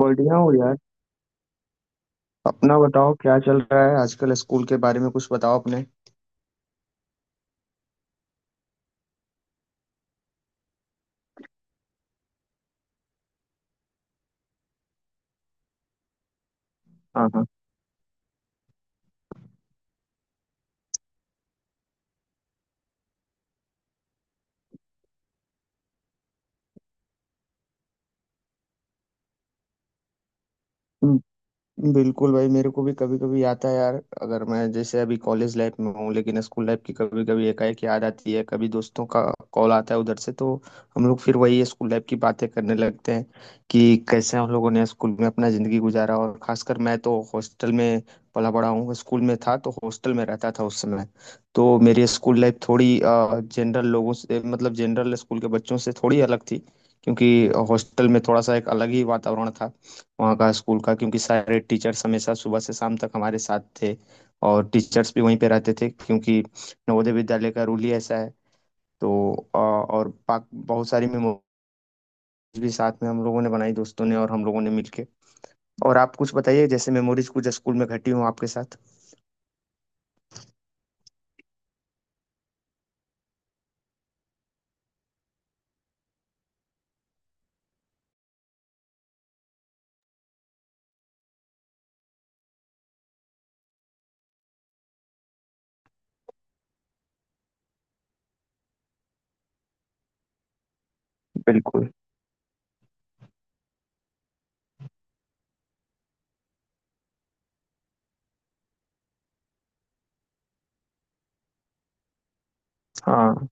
बढ़िया हो यार। अपना बताओ, क्या चल रहा है आजकल? स्कूल के बारे में कुछ बताओ अपने। हाँ, हाँ, बिल्कुल भाई, मेरे को भी कभी कभी आता है यार। अगर मैं जैसे अभी कॉलेज लाइफ में हूँ, लेकिन स्कूल लाइफ की कभी कभी एकाएक याद आती है। कभी दोस्तों का कॉल आता है उधर से, तो हम लोग फिर वही स्कूल लाइफ की बातें करने लगते हैं कि कैसे हम लोगों ने स्कूल में अपना जिंदगी गुजारा। और खासकर मैं तो हॉस्टल में पला बड़ा हूँ, स्कूल में था तो हॉस्टल में रहता था उस समय। तो मेरी स्कूल लाइफ थोड़ी जनरल लोगों से, मतलब जनरल स्कूल के बच्चों से थोड़ी अलग थी, क्योंकि हॉस्टल में थोड़ा सा एक अलग ही वातावरण था वहाँ का स्कूल का, क्योंकि सारे टीचर्स हमेशा सुबह से शाम तक हमारे साथ थे। और टीचर्स भी वहीं पे रहते थे, क्योंकि नवोदय विद्यालय का रूल ही ऐसा है। तो बहुत सारी मेमोरीज भी साथ में हम लोगों ने बनाई, दोस्तों ने और हम लोगों ने मिलके। और आप कुछ बताइए, जैसे मेमोरीज कुछ स्कूल में घटी हो आपके साथ। बिल्कुल। हाँ,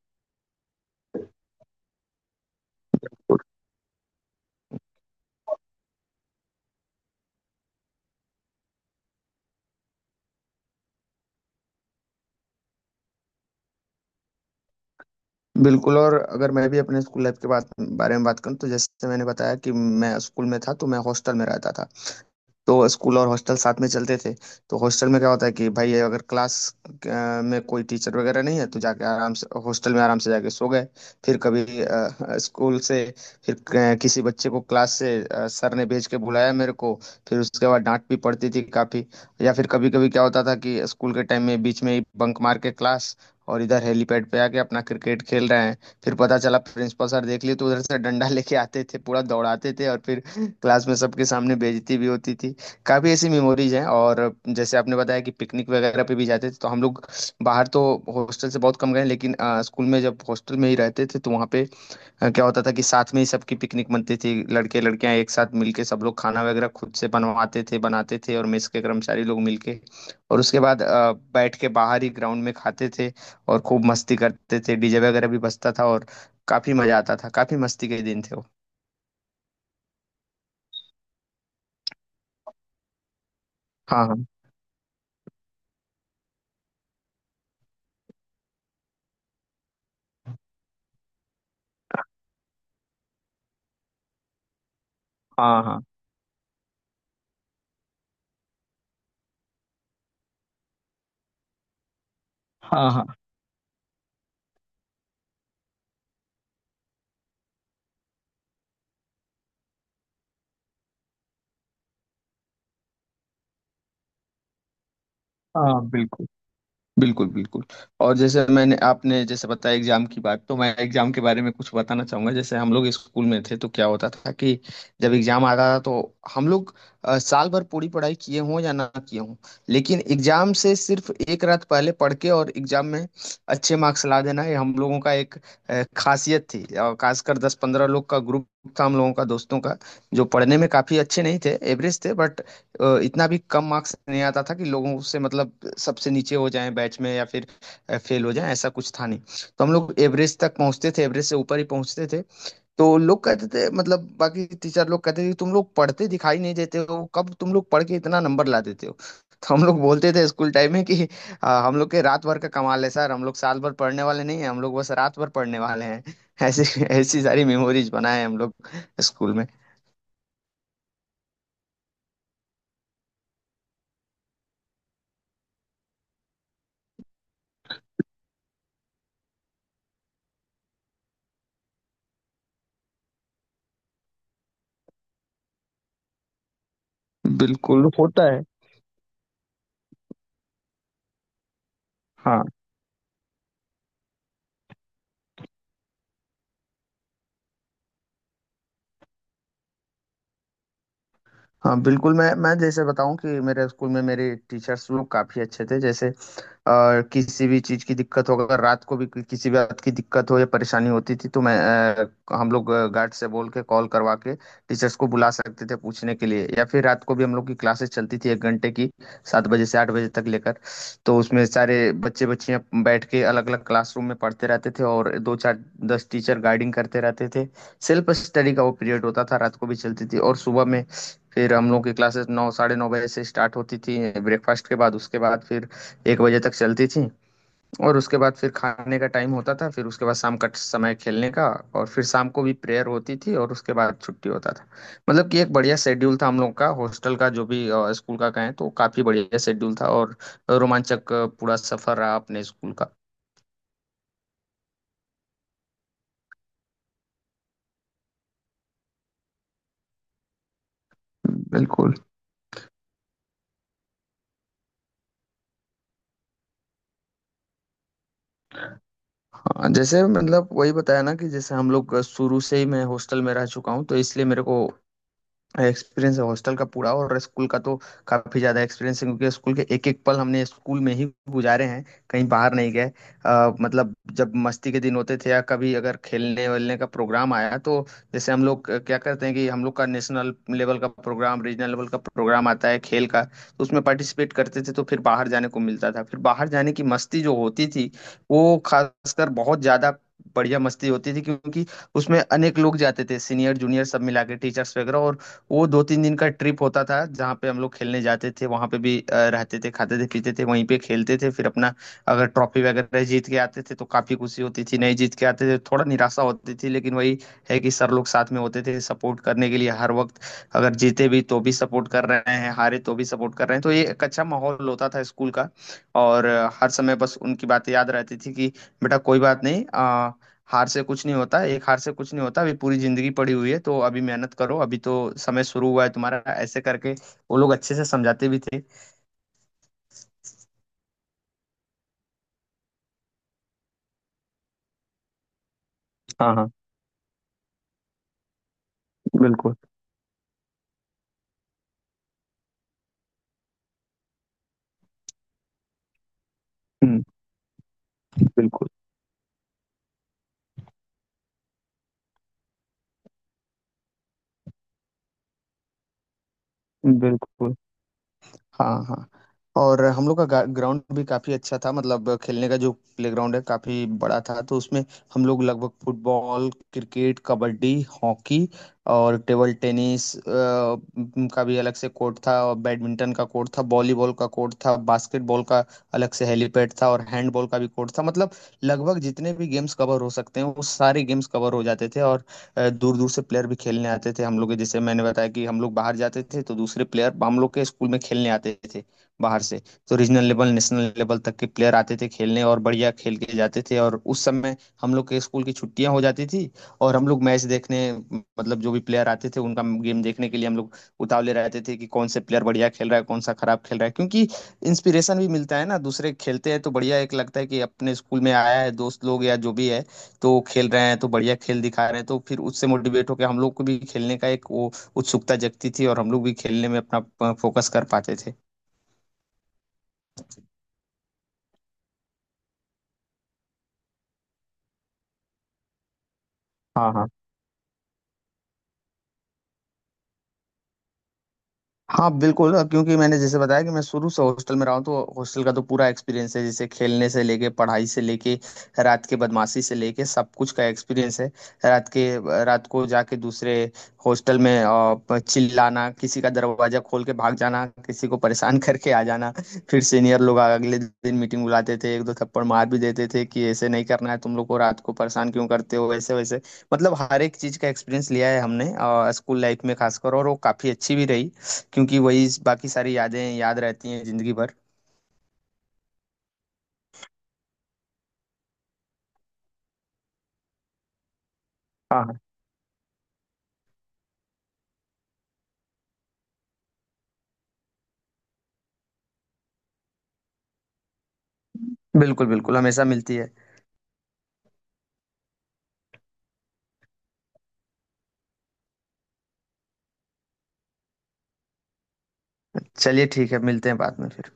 बिल्कुल, और अगर मैं भी अपने स्कूल लाइफ के बात बारे में बात करूँ, तो जैसे मैंने बताया कि मैं स्कूल में था तो मैं हॉस्टल में रहता था, तो स्कूल और हॉस्टल साथ में चलते थे। तो हॉस्टल में क्या होता है कि भाई अगर में कोई टीचर वगैरह नहीं है तो जाके आराम से हॉस्टल में आराम से जाके सो गए। फिर कभी अ, स्कूल से फिर अ, किसी बच्चे को क्लास से सर ने भेज के बुलाया मेरे को, फिर उसके बाद डांट भी पड़ती थी काफ़ी। या फिर कभी कभी क्या होता था कि स्कूल के टाइम में बीच में ही बंक मार के क्लास, और इधर हेलीपैड पे आके अपना क्रिकेट खेल रहे हैं। फिर पता चला प्रिंसिपल सर देख लिए तो उधर से डंडा लेके आते थे, पूरा दौड़ाते थे, और फिर क्लास में सबके सामने बेइज्जती भी होती थी। काफ़ी ऐसी मेमोरीज हैं। और जैसे आपने बताया कि पिकनिक वगैरह पे भी जाते थे, तो हम लोग बाहर तो हॉस्टल से बहुत कम गए, लेकिन स्कूल में जब हॉस्टल में ही रहते थे तो वहाँ पे क्या होता था कि साथ में ही सबकी पिकनिक बनती थी। लड़के लड़कियाँ एक साथ मिलके सब लोग खाना वगैरह खुद से बनवाते थे, बनाते थे और मेस के कर्मचारी लोग मिलके। और उसके बाद बैठ के बाहर ही ग्राउंड में खाते थे, और खूब मस्ती करते थे, डीजे वगैरह भी बजता था। और काफ़ी मज़ा आता था, काफ़ी मस्ती के दिन थे वो। हाँ, हाँ, हाँ। हाँ, हाँ, हाँ। हाँ, बिल्कुल, बिल्कुल, बिल्कुल। और जैसे मैंने, आपने जैसे बताया, एग्जाम की बात, तो मैं एग्जाम के बारे में कुछ बताना चाहूंगा। जैसे हम लोग स्कूल में थे तो क्या होता था कि जब एग्जाम आता था तो हम लोग साल भर पूरी पढ़ाई किए हों या ना किए हों, लेकिन एग्जाम से सिर्फ एक रात पहले पढ़ के और एग्जाम में अच्छे मार्क्स ला देना, ये हम लोगों का एक खासियत थी। और खासकर दस पंद्रह लोग का ग्रुप था हम लोगों का दोस्तों का, जो पढ़ने में काफी अच्छे नहीं थे, एवरेज थे। बट इतना भी कम मार्क्स नहीं आता था कि लोगों से, मतलब सबसे नीचे हो जाएं बैच में, या फिर फेल हो जाएं, ऐसा कुछ था नहीं। तो हम लोग एवरेज तक पहुंचते थे, एवरेज से ऊपर ही पहुंचते थे। तो लोग कहते थे, मतलब बाकी टीचर लोग कहते थे कि तुम लोग पढ़ते दिखाई नहीं देते हो, कब तुम लोग पढ़ के इतना नंबर ला देते हो। तो हम लोग बोलते थे स्कूल टाइम में कि हम लोग के रात भर का कमाल है सर, हम लोग साल भर पढ़ने वाले नहीं हैं, हम लोग बस रात भर पढ़ने वाले हैं"। ऐसी ऐसी सारी मेमोरीज बनाए हैं हम लोग स्कूल में। बिल्कुल होता है। हाँ, हाँ, बिल्कुल। मैं जैसे बताऊं कि मेरे स्कूल में मेरे टीचर्स लोग काफी अच्छे थे। जैसे किसी भी चीज की दिक्कत हो, अगर रात को भी किसी भी बात की दिक्कत हो या परेशानी होती थी तो हम लोग गार्ड से बोल के कॉल करवा के टीचर्स को बुला सकते थे पूछने के लिए। या फिर रात को भी हम लोग की क्लासेस चलती थी, एक घंटे की, सात बजे से आठ बजे तक लेकर। तो उसमें सारे बच्चे बच्चियां बैठ के अलग अलग क्लासरूम में पढ़ते रहते थे, और दो चार दस टीचर गाइडिंग करते रहते थे। सेल्फ स्टडी का वो पीरियड होता था, रात को भी चलती थी। और सुबह में फिर हम लोग की क्लासेस नौ साढ़े नौ बजे से स्टार्ट होती थी ब्रेकफास्ट के बाद। उसके बाद फिर एक बजे तक चलती थी, और उसके बाद फिर खाने का टाइम होता था। फिर उसके बाद शाम का समय खेलने का, और फिर शाम को भी प्रेयर होती थी, और उसके बाद छुट्टी होता था। मतलब कि एक बढ़िया शेड्यूल था हम लोग का हॉस्टल का, जो भी स्कूल का कहें तो काफी बढ़िया शेड्यूल था। और रोमांचक पूरा सफर रहा अपने स्कूल का। बिल्कुल। हाँ, जैसे मतलब वही बताया ना कि जैसे हम लोग शुरू से ही, मैं हॉस्टल में रह चुका हूँ, तो इसलिए मेरे को एक्सपीरियंस है हॉस्टल का पूरा, और स्कूल का तो काफी ज्यादा एक्सपीरियंस है, क्योंकि स्कूल के एक एक पल हमने स्कूल में ही गुजारे हैं, कहीं बाहर नहीं गए। मतलब जब मस्ती के दिन होते थे, या कभी अगर खेलने वेलने का प्रोग्राम आया, तो जैसे हम लोग क्या करते हैं कि हम लोग का नेशनल लेवल का प्रोग्राम, रीजनल लेवल का प्रोग्राम आता है खेल का, तो उसमें पार्टिसिपेट करते थे, तो फिर बाहर जाने को मिलता था। फिर बाहर जाने की मस्ती जो होती थी, वो खासकर बहुत ज्यादा बढ़िया मस्ती होती थी, क्योंकि उसमें अनेक लोग जाते थे, सीनियर जूनियर सब मिला के, टीचर्स वगैरह। और वो दो तीन दिन का ट्रिप होता था, जहाँ पे हम लोग खेलने जाते थे, वहाँ पे भी रहते थे, खाते थे, पीते थे, वहीं पे खेलते थे। फिर अपना, अगर ट्रॉफी वगैरह जीत के आते थे तो काफी खुशी होती थी, नहीं जीत के आते थे थोड़ा निराशा होती थी, लेकिन वही है कि सर लोग साथ में होते थे सपोर्ट करने के लिए हर वक्त। अगर जीते भी तो भी सपोर्ट कर रहे हैं, हारे तो भी सपोर्ट कर रहे हैं, तो ये एक अच्छा माहौल होता था स्कूल का। और हर समय बस उनकी बातें याद रहती थी कि बेटा कोई बात नहीं, हार से कुछ नहीं होता, एक हार से कुछ नहीं होता, अभी पूरी जिंदगी पड़ी हुई है, तो अभी मेहनत करो, अभी तो समय शुरू हुआ है तुम्हारा, ऐसे करके वो लोग अच्छे से समझाते भी थे। हाँ, हाँ, बिल्कुल। हम्म। बिल्कुल, बिल्कुल। हाँ, हाँ। और हम लोग का ग्राउंड भी काफी अच्छा था, मतलब खेलने का जो प्लेग्राउंड है, काफी बड़ा था। तो उसमें हम लोग लगभग फुटबॉल, क्रिकेट, कबड्डी, हॉकी, और टेबल टेनिस का भी अलग से कोर्ट था, और बैडमिंटन का कोर्ट था, वॉलीबॉल का कोर्ट था, बास्केटबॉल का अलग से हेलीपैड था, और हैंडबॉल का भी कोर्ट था। मतलब लगभग जितने भी गेम्स कवर हो सकते हैं, वो सारे गेम्स कवर हो जाते थे। और दूर दूर से प्लेयर भी खेलने आते थे हम लोग के। जैसे मैंने बताया कि हम लोग बाहर जाते थे, तो दूसरे प्लेयर हम लोग के स्कूल में खेलने आते थे बाहर से। तो रीजनल लेवल, नेशनल लेवल तक के प्लेयर आते थे खेलने, और बढ़िया खेल के जाते थे। और उस समय हम लोग के स्कूल की छुट्टियां हो जाती थी, और हम लोग मैच देखने, मतलब जो भी प्लेयर आते थे उनका गेम देखने के लिए हम लोग उतावले रहते थे कि कौन से प्लेयर बढ़िया खेल रहा है, कौन सा खराब खेल रहा है। क्योंकि इंस्पिरेशन भी मिलता है ना, दूसरे खेलते हैं तो बढ़िया एक लगता है कि अपने स्कूल में आया है दोस्त लोग या जो भी है, तो खेल रहे हैं, तो बढ़िया खेल दिखा रहे हैं, तो फिर उससे मोटिवेट होकर हम लोग को भी खेलने का एक वो उत्सुकता जगती थी, और हम लोग भी खेलने में अपना फोकस कर पाते थे। हाँ, हाँ। हाँ, बिल्कुल। क्योंकि मैंने जैसे बताया कि मैं शुरू से हॉस्टल में रहा हूँ, तो हॉस्टल का तो पूरा एक्सपीरियंस है, जैसे खेलने से लेके, पढ़ाई से लेके, रात के बदमाशी से लेके, सब कुछ का एक्सपीरियंस है। रात के रात को जाके दूसरे हॉस्टल में चिल्लाना, किसी का दरवाजा खोल के भाग जाना, किसी को परेशान करके आ जाना, फिर सीनियर लोग अगले दिन मीटिंग बुलाते थे, एक दो थप्पड़ मार भी देते थे कि ऐसे नहीं करना है, तुम लोग को रात को परेशान क्यों करते हो ऐसे वैसे। मतलब हर एक चीज का एक्सपीरियंस लिया है हमने स्कूल लाइफ में खासकर, और वो काफी अच्छी भी रही, क्योंकि वही बाकी सारी यादें याद रहती हैं जिंदगी भर। हाँ, हाँ, बिल्कुल, बिल्कुल, हमेशा मिलती है। चलिए, ठीक है, मिलते हैं बाद में फिर।